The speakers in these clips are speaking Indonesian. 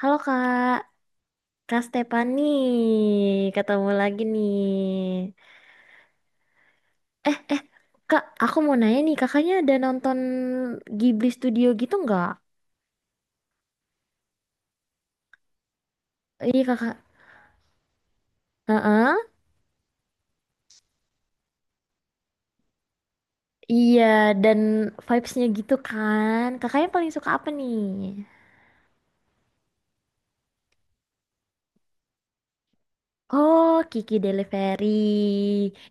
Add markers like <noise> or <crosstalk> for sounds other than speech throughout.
Halo Kak, Kak Stefani, ketemu lagi nih. Eh, eh, Kak, aku mau nanya nih, kakaknya ada nonton Ghibli Studio gitu nggak? Iya kakak. Heeh. Iya, dan vibes-nya gitu kan. Kakaknya paling suka apa nih? Oh, Kiki Delivery.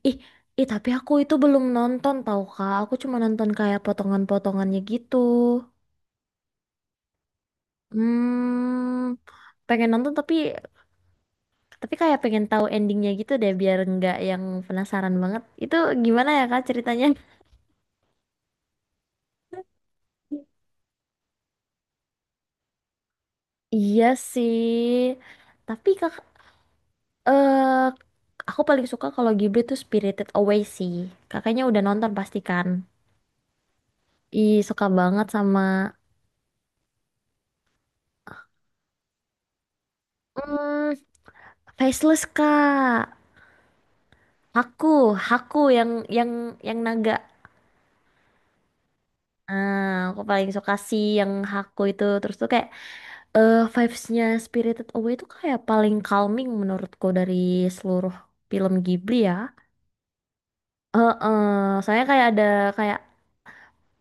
Ih, ih, tapi aku itu belum nonton tau Kak, aku cuma nonton kayak potongan-potongannya gitu. Hmm, pengen nonton tapi kayak pengen tahu endingnya gitu deh biar nggak yang penasaran banget. Itu gimana ya Kak ceritanya? Iya sih. Tapi Kak, eh aku paling suka kalau Ghibli tuh Spirited Away sih. Kakaknya udah nonton pasti kan? Ih, suka banget sama hmm, Faceless Kak. Haku, Haku yang yang yang naga. Ah, aku paling suka sih yang Haku itu. Terus tuh kayak vibes-nya Spirited Away itu kayak paling calming menurutku dari seluruh film Ghibli ya. Eh, eh, soalnya kayak ada kayak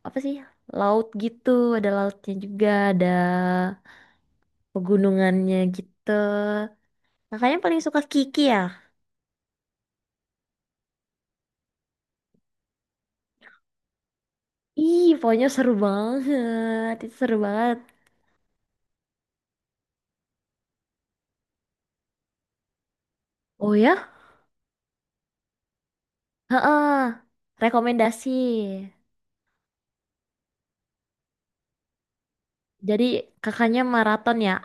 apa sih laut gitu, ada lautnya juga, ada pegunungannya gitu. Makanya paling suka Kiki ya. Ih, pokoknya seru banget, itu seru banget. Oh ya, heeh, rekomendasi. Jadi kakaknya maraton ya.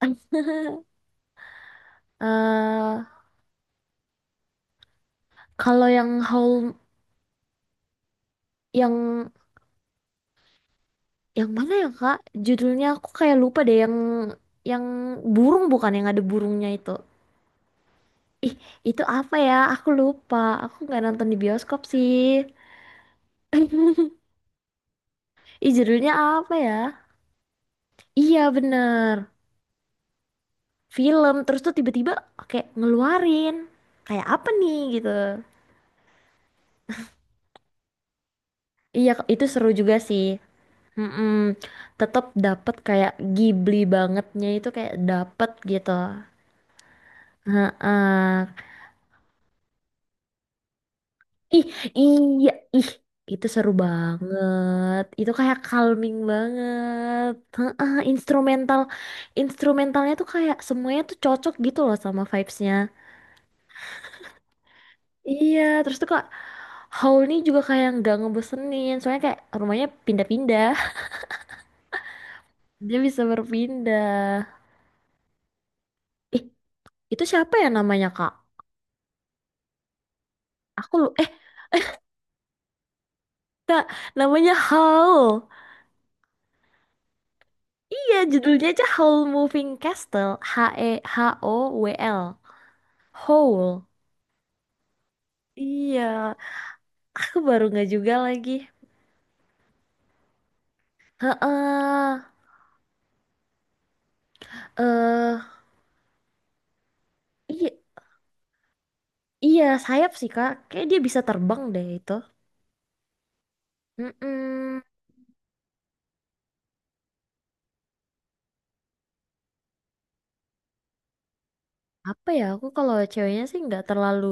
<laughs> eh Kalau yang Howl yang Yang mana ya Kak? Judulnya aku kayak lupa deh yang burung bukan yang ada burungnya itu. Ih, itu apa ya? Aku lupa. Aku nggak nonton di bioskop sih. <laughs> Ih, judulnya apa ya? Iya bener. Film terus tuh tiba-tiba kayak ngeluarin. Kayak apa nih gitu. Iya, itu seru juga sih. Mm-mm. Tetap dapet kayak Ghibli bangetnya itu kayak dapet gitu. Heeh. Ih, iya, ih, itu seru banget. Itu kayak calming banget. Heeh, instrumental, instrumentalnya tuh kayak semuanya tuh cocok gitu loh sama vibes-nya. Iya, terus tuh kak, Howlnya juga kayak nggak ngebosenin, soalnya kayak rumahnya pindah-pindah. <laughs> Dia bisa berpindah. Ih, itu siapa ya namanya kak? Aku lu, eh, kak, namanya Howl. Iya, judulnya aja Howl Moving Castle. H E H O W L. Howl. Iya, aku baru nggak juga lagi. Heeh. Eh, iya, iya sayap sih Kak. Kayak dia bisa terbang deh itu. Mm-mm. Apa ya? Aku kalau ceweknya sih nggak terlalu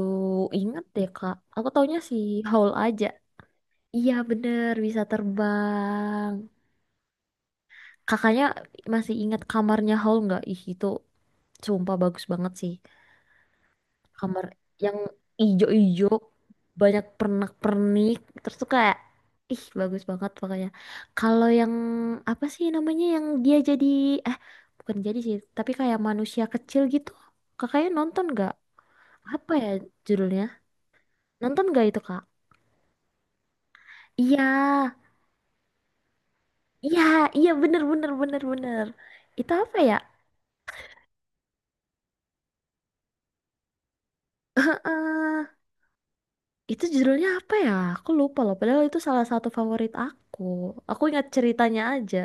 inget deh Kak. Aku taunya si Howl aja. Iya bener bisa terbang. Kakaknya masih ingat kamarnya Howl nggak? Ih itu sumpah bagus banget sih. Kamar yang ijo-ijo banyak pernak-pernik terus tuh kayak ih bagus banget pokoknya kalau yang apa sih namanya yang dia jadi, eh bukan jadi sih tapi kayak manusia kecil gitu, kakaknya nonton gak apa ya judulnya, nonton gak itu kak? Iya iya iya bener bener. Itu apa ya? eh itu judulnya apa ya, aku lupa loh padahal itu salah satu favorit aku ingat ceritanya aja.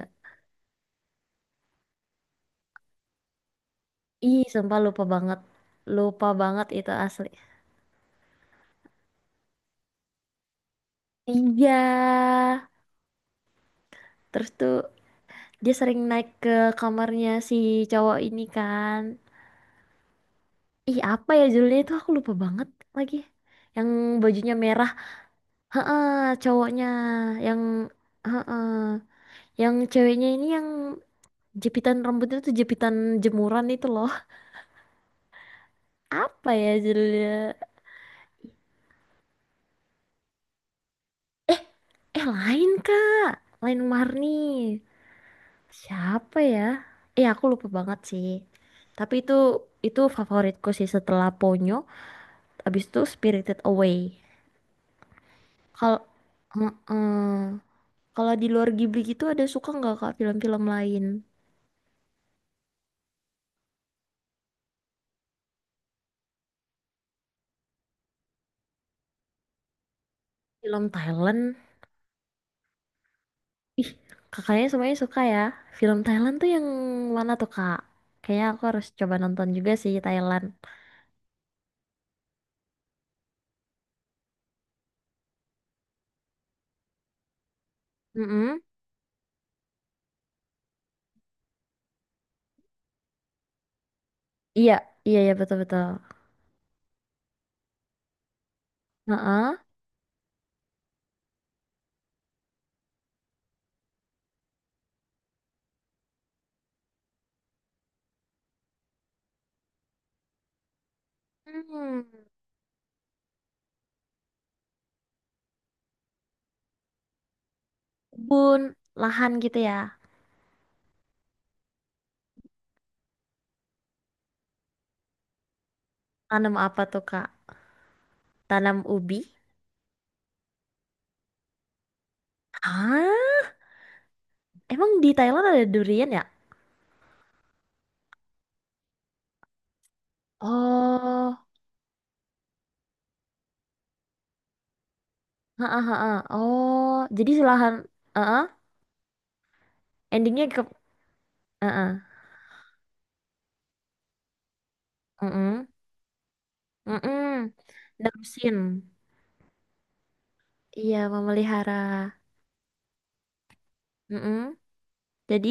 Ih, sumpah lupa banget. Lupa banget itu asli. Iya. Terus tuh dia sering naik ke kamarnya si cowok ini kan. Ih, apa ya judulnya itu aku lupa banget lagi. Yang bajunya merah. Heeh, cowoknya yang heeh, yang ceweknya ini yang jepitan rambutnya tuh jepitan jemuran itu loh. Apa ya judulnya? Eh, lain, Kak. Lain Marni. Siapa ya? Iya aku lupa banget sih. Tapi itu favoritku sih setelah Ponyo. Abis itu Spirited Away. Kalau heeh, kalau di luar Ghibli gitu ada suka nggak kak film-film lain? Film Thailand? Ih, kakaknya semuanya suka ya. Film Thailand tuh yang mana tuh kak? Kayaknya aku harus coba nonton juga sih Thailand. Mm-mm. Iya, iya ya betul-betul. Heeh. Hmm. Kebun, lahan gitu ya. Tanam apa tuh kak? Tanam ubi? Hah? Emang di Thailand ada durian ya? Oh. Ha ha ha. Ha. Oh, jadi selahan, heeh. Endingnya ke heeh. Heeh. Heeh. Nerusin. Iya, memelihara. Heeh. Jadi,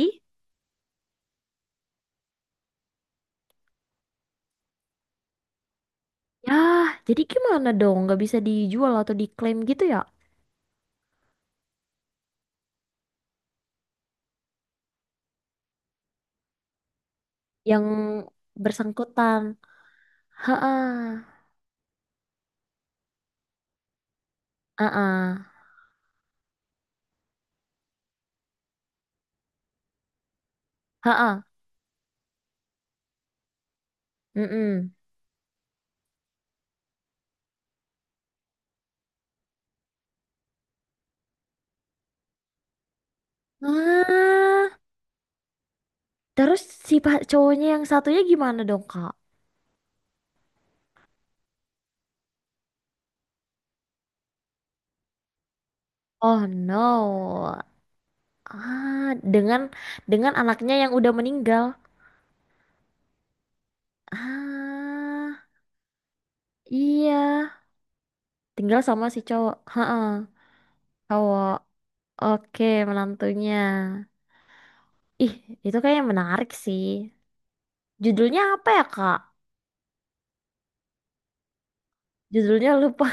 ya, jadi gimana dong? Gak bisa dijual atau diklaim gitu ya? Yang bersangkutan. Heeh. Heeh. Heeh. Heeh. Ah, terus si pa- cowoknya yang satunya gimana dong, Kak? Oh no. Ah, dengan dengan anaknya yang udah meninggal. Ah, iya. Tinggal sama si cowok. Heeh, cowok. Oke, menantunya. Ih, itu kayaknya menarik sih. Judulnya apa ya, Kak? Judulnya lupa.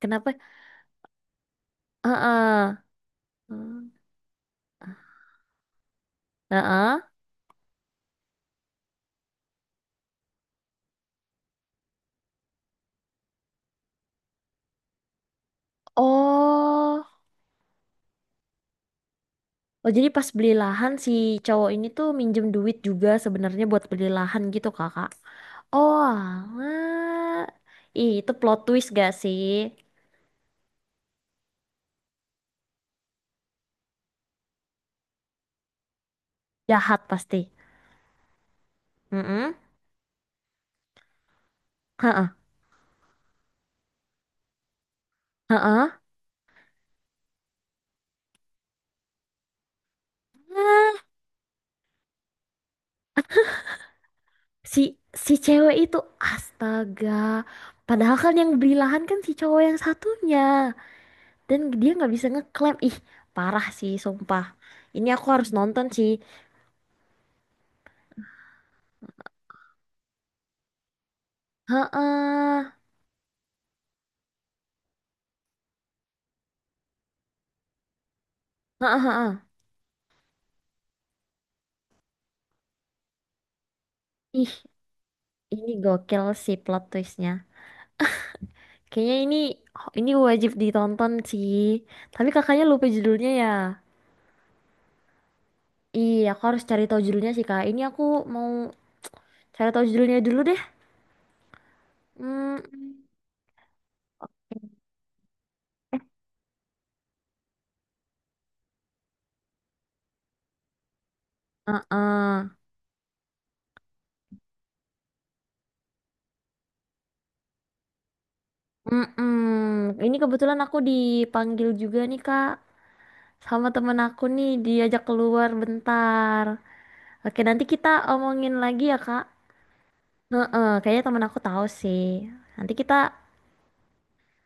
<laughs> Kenapa? Heeh. Heeh. Oh. Oh, jadi pas beli lahan si cowok ini tuh minjem duit juga sebenarnya buat beli lahan gitu, Kakak. Oh, alah. Ih, itu plot twist gak sih? Jahat pasti. Mm-mm. Heeh. Heeh. Ah, si si cewek itu astaga. Padahal kan yang beli lahan kan si cowok yang satunya. Dan dia nggak bisa ngeklaim. Ih, parah sih, sumpah. Ini aku harus nonton sih. Heeh. Heeh, heeh. Ih, ini gokil sih plot twistnya. Kayaknya ini wajib ditonton sih. Tapi kakaknya lupa judulnya ya. Iya, aku harus cari tahu judulnya sih, Kak. Ini aku mau cari tahu judulnya dulu deh. Hmm, uh-uh. Mm-mm. Ini kebetulan aku dipanggil juga nih, Kak. Sama temen aku nih, diajak keluar bentar. Oke, nanti kita omongin lagi ya, Kak. Heeh, kayaknya temen aku tahu sih. Nanti kita,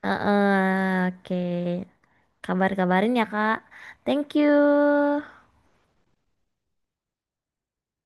heeh, oke. Kabar-kabarin ya, Kak. Thank you.